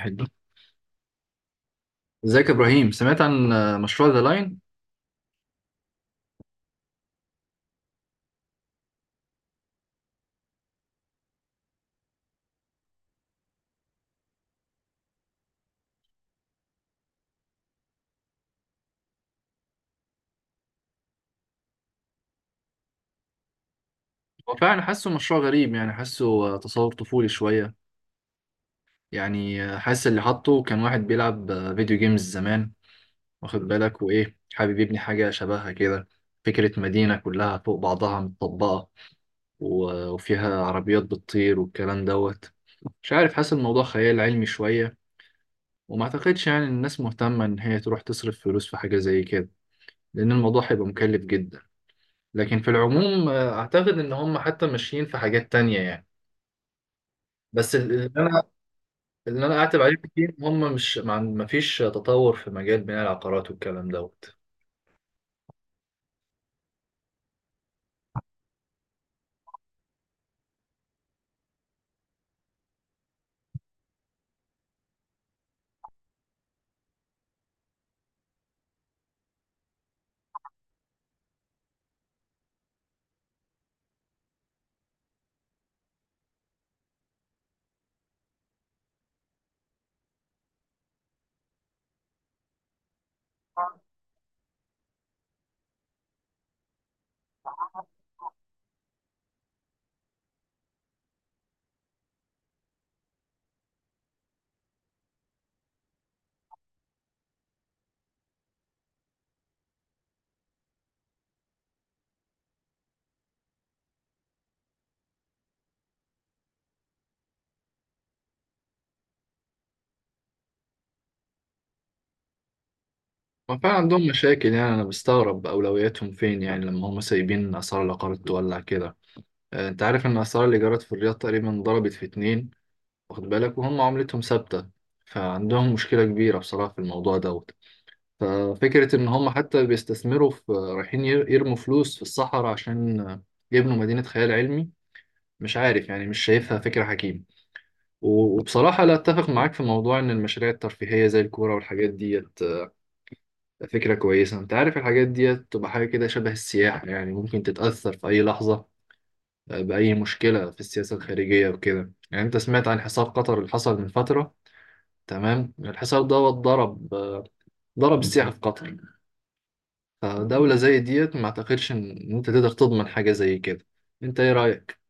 حلو. ازيك يا ابراهيم؟ سمعت عن مشروع ذا لاين؟ هو فعلا حاسه مشروع غريب، يعني حاسه تصور طفولي شويه. يعني حاسس اللي حاطه كان واحد بيلعب فيديو جيمز زمان، واخد بالك، وايه حابب يبني حاجه شبهها كده. فكره مدينه كلها فوق بعضها متطبقه، وفيها عربيات بتطير والكلام دوت. مش عارف، حاسس الموضوع خيال علمي شويه، وما اعتقدش يعني إن الناس مهتمه ان هي تروح تصرف فلوس في حاجه زي كده، لان الموضوع هيبقى مكلف جدا. لكن في العموم اعتقد ان هم حتى ماشيين في حاجات تانية يعني. بس اللي انا اعتب عليه كتير إن هم مش ما فيش تطور في مجال بناء العقارات والكلام دوت. ما فعلا عندهم مشاكل، يعني انا بستغرب اولوياتهم فين، يعني لما هم سايبين اسعار العقارات تولع كده. انت عارف ان اسعار الايجارات في الرياض تقريبا ضربت في اتنين، واخد بالك، وهم عملتهم ثابتة. فعندهم مشكلة كبيرة بصراحة في الموضوع دوت. ففكرة إن هم حتى بيستثمروا في، رايحين يرموا فلوس في الصحراء عشان يبنوا مدينة خيال علمي، مش عارف يعني، مش شايفها فكرة حكيمة. وبصراحة لا أتفق معاك في موضوع إن المشاريع الترفيهية زي الكورة والحاجات ديت فكرة كويسة. أنت عارف الحاجات ديت تبقى حاجة كده شبه السياحة، يعني ممكن تتأثر في أي لحظة بأي مشكلة في السياسة الخارجية وكده. يعني أنت سمعت عن حصار قطر اللي حصل من فترة؟ تمام، الحصار دوت ضرب، ضرب السياحة في قطر. فدولة زي ديت ما اعتقدش ان إن انت تقدر تضمن حاجة زي كده. انت ايه رأيك؟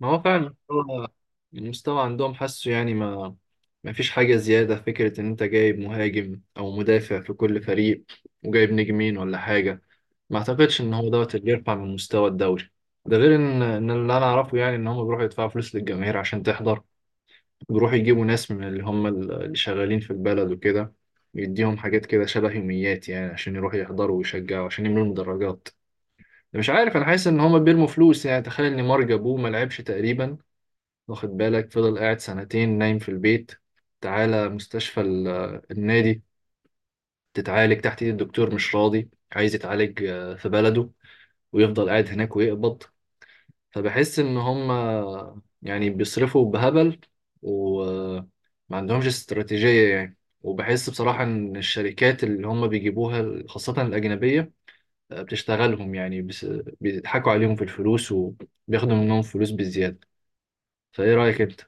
ما هو فعلا هو المستوى عندهم حاسه يعني ما فيش حاجة زيادة. فكرة ان انت جايب مهاجم او مدافع في كل فريق وجايب نجمين ولا حاجة، ما اعتقدش ان هو دوت اللي يرفع من مستوى الدوري. ده غير ان اللي انا اعرفه يعني ان هم بيروحوا يدفعوا فلوس للجماهير عشان تحضر. بيروحوا يجيبوا ناس من اللي هم اللي شغالين في البلد وكده، يديهم حاجات كده شبه يوميات يعني عشان يروحوا يحضروا ويشجعوا عشان يملوا المدرجات. مش عارف، انا حاسس ان هما بيرموا فلوس. يعني تخيل ان مارج ابوه ما لعبش تقريبا، واخد بالك، فضل قاعد سنتين نايم في البيت، تعالى مستشفى النادي، تتعالج تحت ايد الدكتور، مش راضي، عايز يتعالج في بلده ويفضل قاعد هناك ويقبض. فبحس ان هما يعني بيصرفوا بهبل وما عندهمش استراتيجية يعني. وبحس بصراحة ان الشركات اللي هما بيجيبوها خاصة الأجنبية بتشتغلهم يعني، بس بيضحكوا عليهم في الفلوس وبياخدوا منهم فلوس بالزيادة. فايه رأيك انت؟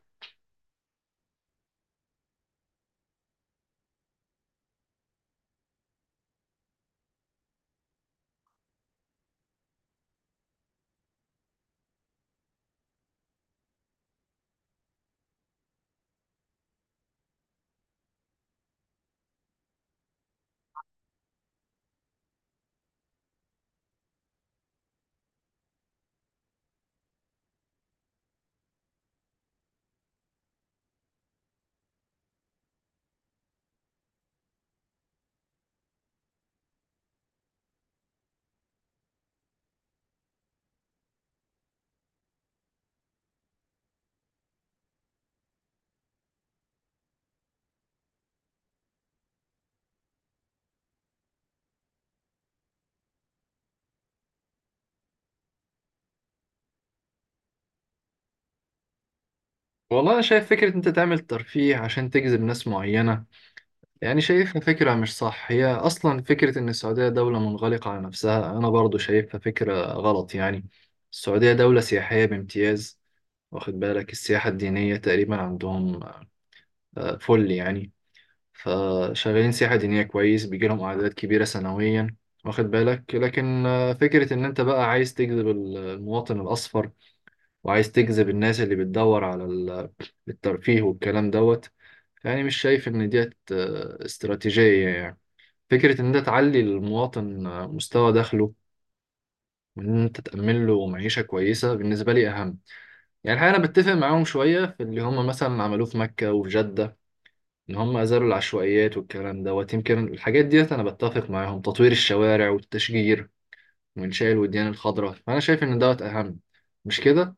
والله انا شايف فكرة انت تعمل ترفيه عشان تجذب ناس معينة، يعني شايفها فكرة مش صح. هي اصلا فكرة ان السعودية دولة منغلقة على نفسها انا برضو شايفها فكرة غلط يعني. السعودية دولة سياحية بامتياز، واخد بالك؟ السياحة الدينية تقريبا عندهم فل يعني، فشغالين سياحة دينية كويس، بيجي لهم أعداد كبيرة سنويا، واخد بالك. لكن فكرة إن أنت بقى عايز تجذب المواطن الأصفر وعايز تجذب الناس اللي بتدور على الترفيه والكلام دوت، يعني مش شايف إن ديت استراتيجية يعني. فكرة إن أنت تعلي المواطن مستوى دخله وإن أنت تأمن له معيشة كويسة بالنسبة لي أهم. يعني الحقيقة أنا بتفق معاهم شوية في اللي هم مثلا عملوه في مكة وفي جدة، ان هم ازالوا العشوائيات والكلام دوت. يمكن الحاجات ديت انا بتفق معاهم، تطوير الشوارع والتشجير وانشاء الوديان الخضراء. فانا شايف ان دوت اهم، مش كده؟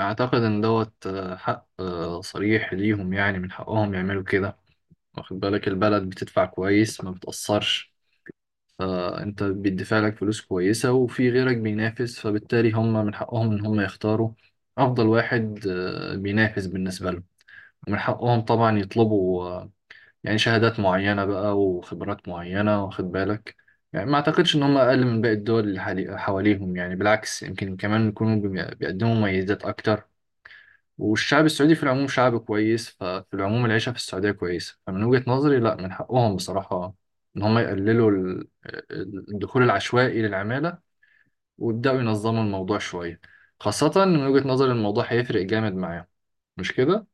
اعتقد ان دوت حق صريح ليهم، يعني من حقهم يعملوا كده، واخد بالك. البلد بتدفع كويس، ما بتأثرش. انت بيدفع لك فلوس كويسة وفي غيرك بينافس، فبالتالي هم من حقهم ان هم يختاروا افضل واحد بينافس بالنسبة لهم. ومن حقهم طبعا يطلبوا يعني شهادات معينة بقى وخبرات معينة، واخد بالك. يعني ما أعتقدش إن هم أقل من باقي الدول اللي حواليهم، يعني بالعكس يمكن كمان يكونوا بيقدموا مميزات أكتر. والشعب السعودي في العموم شعب كويس، ففي العموم العيشة في السعودية كويسة. فمن وجهة نظري لا، من حقهم بصراحة إن هم يقللوا الدخول العشوائي للعمالة ويبدأوا ينظموا الموضوع شوية، خاصة إن من وجهة نظري الموضوع هيفرق جامد معاهم، مش كده؟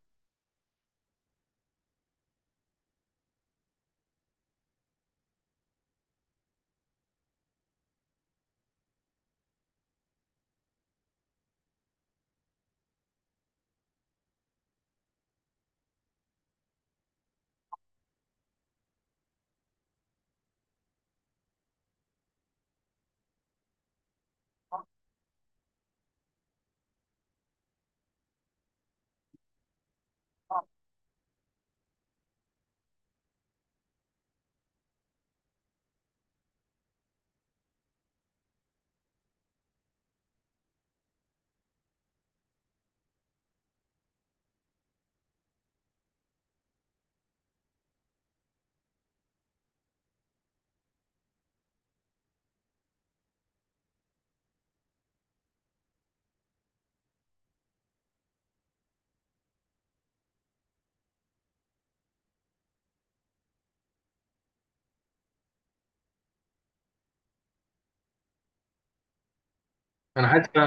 انا حتى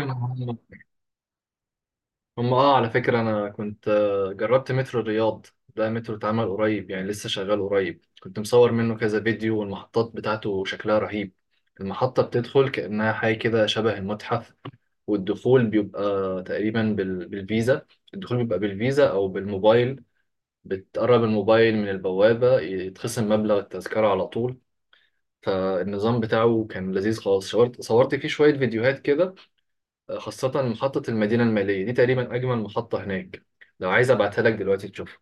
هم اه على فكرة أنا كنت جربت مترو الرياض. ده مترو اتعمل قريب يعني، لسه شغال قريب. كنت مصور منه كذا فيديو، والمحطات بتاعته شكلها رهيب. المحطة بتدخل كأنها حاجة كده شبه المتحف. والدخول بيبقى تقريبا بالفيزا. الدخول بيبقى بالفيزا أو بالموبايل، بتقرب الموبايل من البوابة يتخصم مبلغ التذكرة على طول. فالنظام بتاعه كان لذيذ خالص. صورت فيه شوية فيديوهات كده، خاصة محطة المدينة المالية. دي تقريبا أجمل محطة هناك. لو عايز أبعتها لك دلوقتي تشوفها؟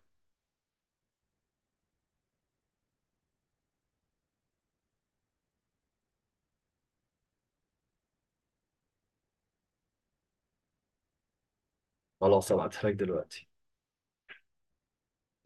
خلاص، أبعتها لك دلوقتي.